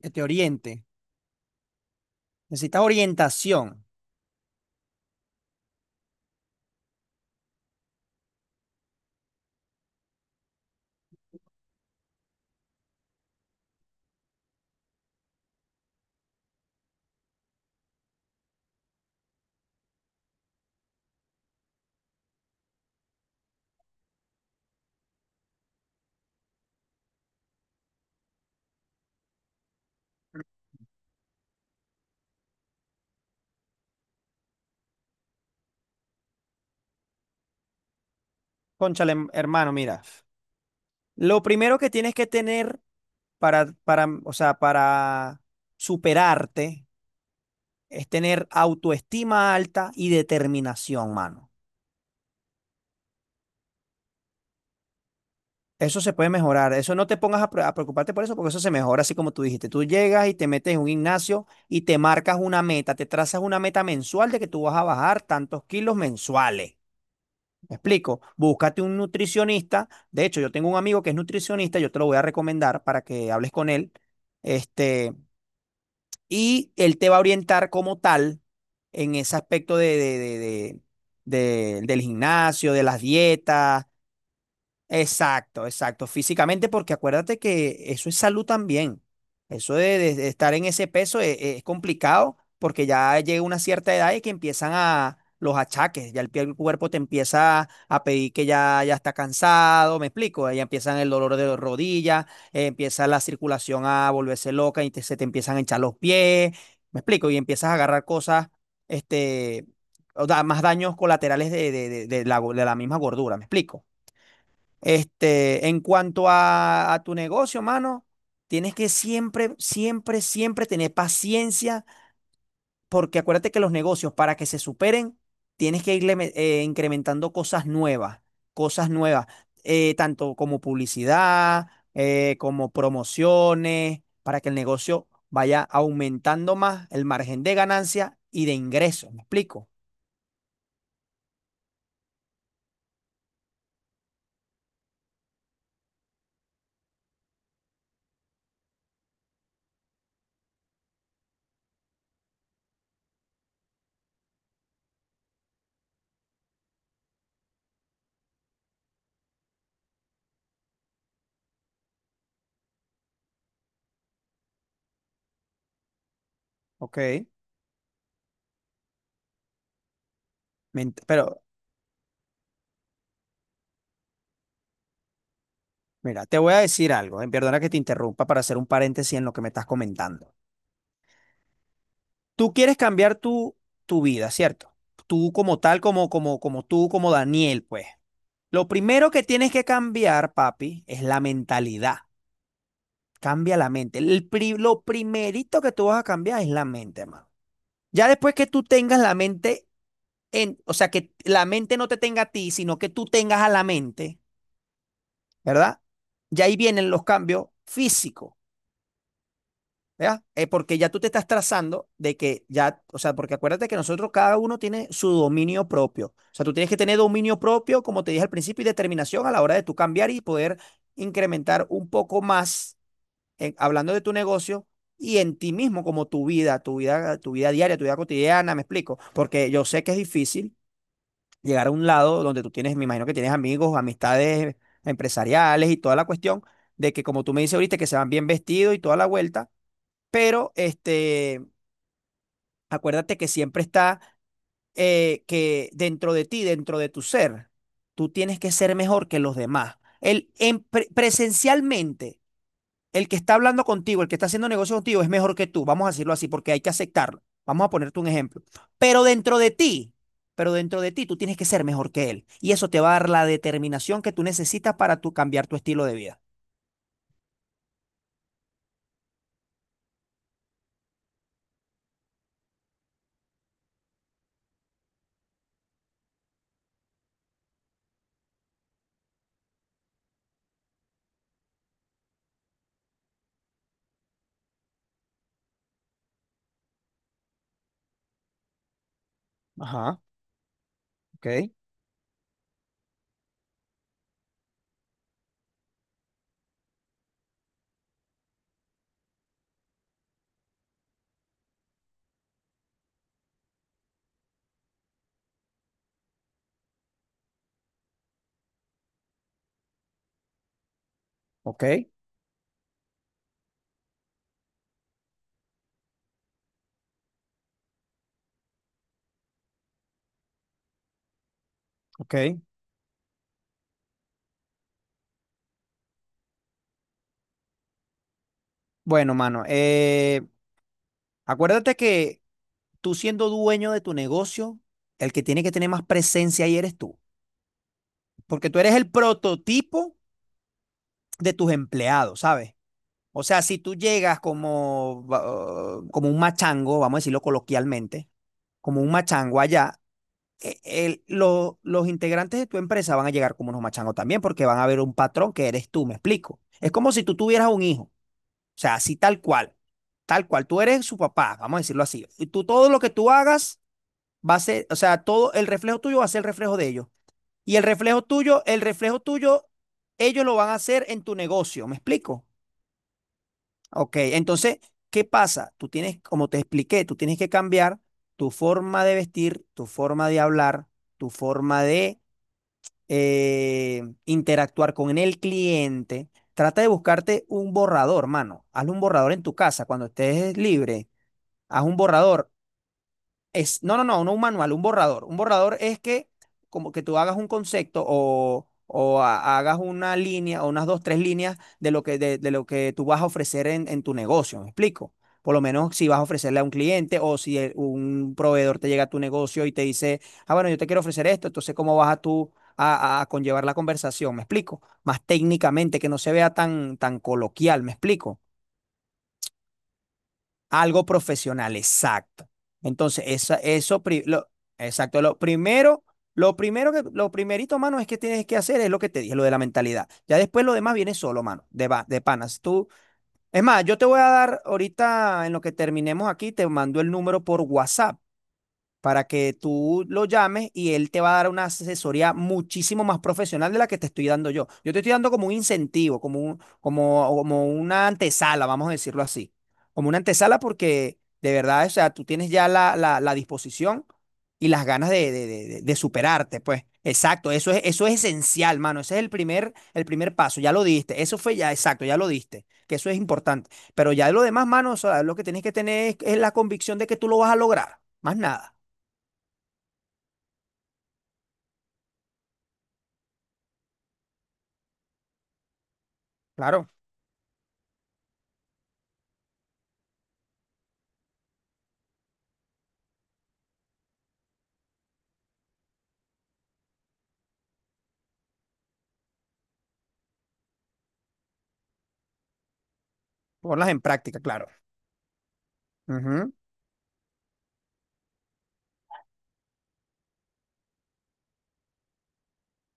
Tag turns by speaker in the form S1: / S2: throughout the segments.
S1: Que te oriente. Necesitas orientación. Cónchale, hermano, mira. Lo primero que tienes que tener o sea, para superarte es tener autoestima alta y determinación, mano. Eso se puede mejorar. Eso no te pongas a, preocuparte por eso, porque eso se mejora, así como tú dijiste. Tú llegas y te metes en un gimnasio y te marcas una meta, te trazas una meta mensual de que tú vas a bajar tantos kilos mensuales. Me explico, búscate un nutricionista. De hecho, yo tengo un amigo que es nutricionista, yo te lo voy a recomendar para que hables con él. Este, y él te va a orientar como tal en ese aspecto de- del gimnasio, de las dietas. Exacto, exacto. Físicamente, porque acuérdate que eso es salud también. Eso de estar en ese peso es complicado porque ya llega una cierta edad y que empiezan a los achaques. Ya el cuerpo te empieza a pedir que ya, ya está cansado, ¿me explico? Ya empiezan el dolor de las rodillas, empieza la circulación a volverse loca y se te empiezan a hinchar los pies, ¿me explico? Y empiezas a agarrar cosas, este, o da, más daños colaterales de de la misma gordura, ¿me explico? Este, en cuanto a tu negocio, mano, tienes que siempre, siempre, siempre tener paciencia, porque acuérdate que los negocios, para que se superen, tienes que incrementando cosas nuevas, tanto como publicidad, como promociones, para que el negocio vaya aumentando más el margen de ganancia y de ingresos. ¿Me explico? Ok. Pero mira, te voy a decir algo, perdona que te interrumpa para hacer un paréntesis en lo que me estás comentando. Tú quieres cambiar tu vida, ¿cierto? Tú como tal, como tú, como Daniel, pues. Lo primero que tienes que cambiar, papi, es la mentalidad. Cambia la mente. Lo primerito que tú vas a cambiar es la mente, hermano. Ya después que tú tengas la mente en, o sea, que la mente no te tenga a ti, sino que tú tengas a la mente, ¿verdad? Ya ahí vienen los cambios físicos. ¿Verdad? Porque ya tú te estás trazando de que ya, o sea, porque acuérdate que nosotros cada uno tiene su dominio propio. O sea, tú tienes que tener dominio propio, como te dije al principio, y determinación a la hora de tú cambiar y poder incrementar un poco más, hablando de tu negocio y en ti mismo, como tu vida, tu vida diaria, tu vida cotidiana, me explico. Porque yo sé que es difícil llegar a un lado donde tú tienes, me imagino que tienes amigos, amistades empresariales y toda la cuestión de que como tú me dices ahorita que se van bien vestidos y toda la vuelta, pero este, acuérdate que siempre está que dentro de ti, dentro de tu ser, tú tienes que ser mejor que los demás. Presencialmente, el que está hablando contigo, el que está haciendo negocio contigo, es mejor que tú. Vamos a decirlo así porque hay que aceptarlo. Vamos a ponerte un ejemplo. Pero dentro de ti, pero dentro de ti, tú tienes que ser mejor que él. Y eso te va a dar la determinación que tú necesitas para cambiar tu estilo de vida. Ajá, ok, ok, ok. Bueno, mano, acuérdate que tú siendo dueño de tu negocio, el que tiene que tener más presencia ahí eres tú, porque tú eres el prototipo de tus empleados, ¿sabes? O sea, si tú llegas como, como un machango, vamos a decirlo coloquialmente, como un machango allá, los integrantes de tu empresa van a llegar como unos machangos también, porque van a ver un patrón que eres tú, me explico. Es como si tú tuvieras un hijo, o sea, así tal cual, tú eres su papá, vamos a decirlo así. Y tú todo lo que tú hagas va a ser, o sea, todo el reflejo tuyo va a ser el reflejo de ellos. Y el reflejo tuyo, ellos lo van a hacer en tu negocio. ¿Me explico? Ok, entonces, ¿qué pasa? Tú tienes, como te expliqué, tú tienes que cambiar tu forma de vestir, tu forma de hablar, tu forma de interactuar con el cliente. Trata de buscarte un borrador, mano. Hazle un borrador en tu casa cuando estés libre. Haz un borrador. Es, no, no, no, no un manual, un borrador. Un borrador es que como que tú hagas un concepto hagas una línea o unas dos, tres líneas de lo que, de lo que tú vas a ofrecer en tu negocio, ¿me explico? Por lo menos si vas a ofrecerle a un cliente o si un proveedor te llega a tu negocio y te dice, ah, bueno, yo te quiero ofrecer esto, entonces ¿cómo vas a tú a conllevar la conversación? ¿Me explico? Más técnicamente, que no se vea tan, tan coloquial, ¿me explico? Algo profesional, exacto. Entonces, esa, eso, pri- lo, exacto, lo primero, lo primerito, mano, es que tienes que hacer es lo que te dije, lo de la mentalidad. Ya después lo demás viene solo, mano, de panas. Tú, es más, yo te voy a dar ahorita, en lo que terminemos aquí, te mando el número por WhatsApp para que tú lo llames y él te va a dar una asesoría muchísimo más profesional de la que te estoy dando yo. Yo te estoy dando como un incentivo, como, como una antesala, vamos a decirlo así. Como una antesala porque de verdad, o sea, tú tienes ya la disposición y las ganas de superarte, pues. Exacto, eso es esencial, mano. Ese es el primer paso, ya lo diste. Eso fue ya, exacto, ya lo diste, que eso es importante. Pero ya de lo demás, mano, o sea, lo que tienes que tener es la convicción de que tú lo vas a lograr, más nada. Claro, ponlas en práctica, claro. Ujú,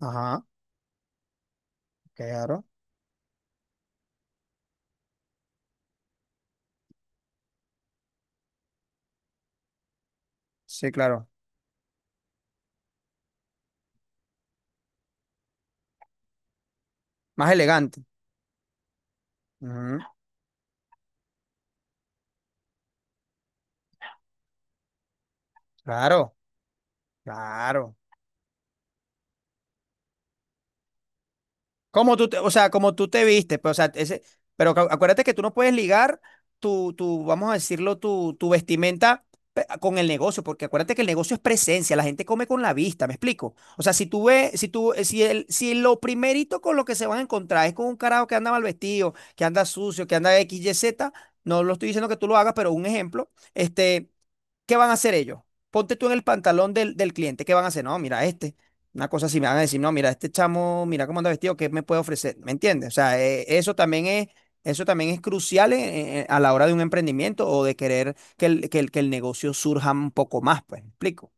S1: ajá, claro. Sí, claro. Más elegante. Ujú, claro, claro. Como tú te, o sea, como tú te viste, pero, o sea, ese, pero acuérdate que tú no puedes ligar vamos a decirlo, tu vestimenta con el negocio, porque acuérdate que el negocio es presencia, la gente come con la vista, ¿me explico? O sea, si tú ves, si tú, si si lo primerito con lo que se van a encontrar es con un carajo que anda mal vestido, que anda sucio, que anda X, Y, Z, no lo estoy diciendo que tú lo hagas, pero un ejemplo, este, ¿qué van a hacer ellos? Ponte tú en el pantalón del cliente. ¿Qué van a hacer? No, mira, este. Una cosa así, me van a decir, no, mira, este chamo, mira cómo anda vestido, ¿qué me puede ofrecer? ¿Me entiendes? O sea, eso también es crucial a la hora de un emprendimiento o de querer que el negocio surja un poco más, pues, ¿me explico?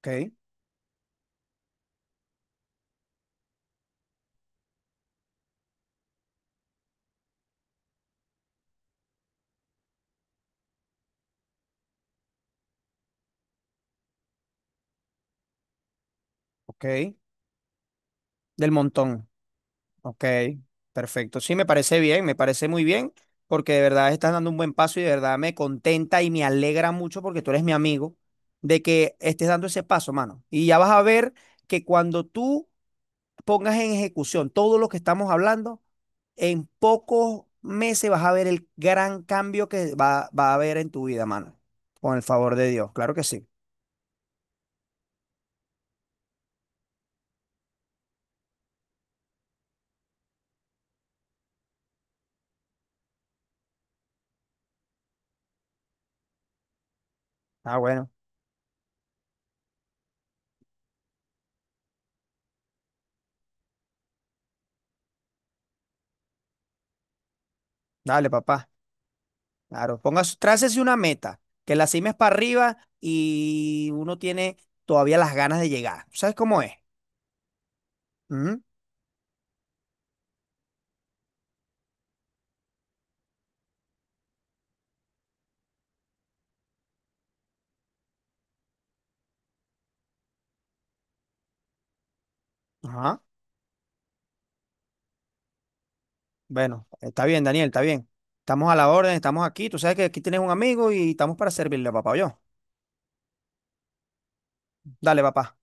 S1: Ok, ok, del montón. Ok, perfecto. Sí, me parece bien, me parece muy bien, porque de verdad estás dando un buen paso y de verdad me contenta y me alegra mucho porque tú eres mi amigo de que estés dando ese paso, mano. Y ya vas a ver que cuando tú pongas en ejecución todo lo que estamos hablando, en pocos meses vas a ver el gran cambio va a haber en tu vida, mano. Con el favor de Dios, claro que sí. Ah, bueno, dale, papá. Claro, pongas, trácese una meta, que la cima es para arriba y uno tiene todavía las ganas de llegar. ¿Sabes cómo es? Ujú, ajá. Bueno, está bien, Daniel, está bien. Estamos a la orden, estamos aquí. Tú sabes que aquí tienes un amigo y estamos para servirle, papá, yo. Dale, papá.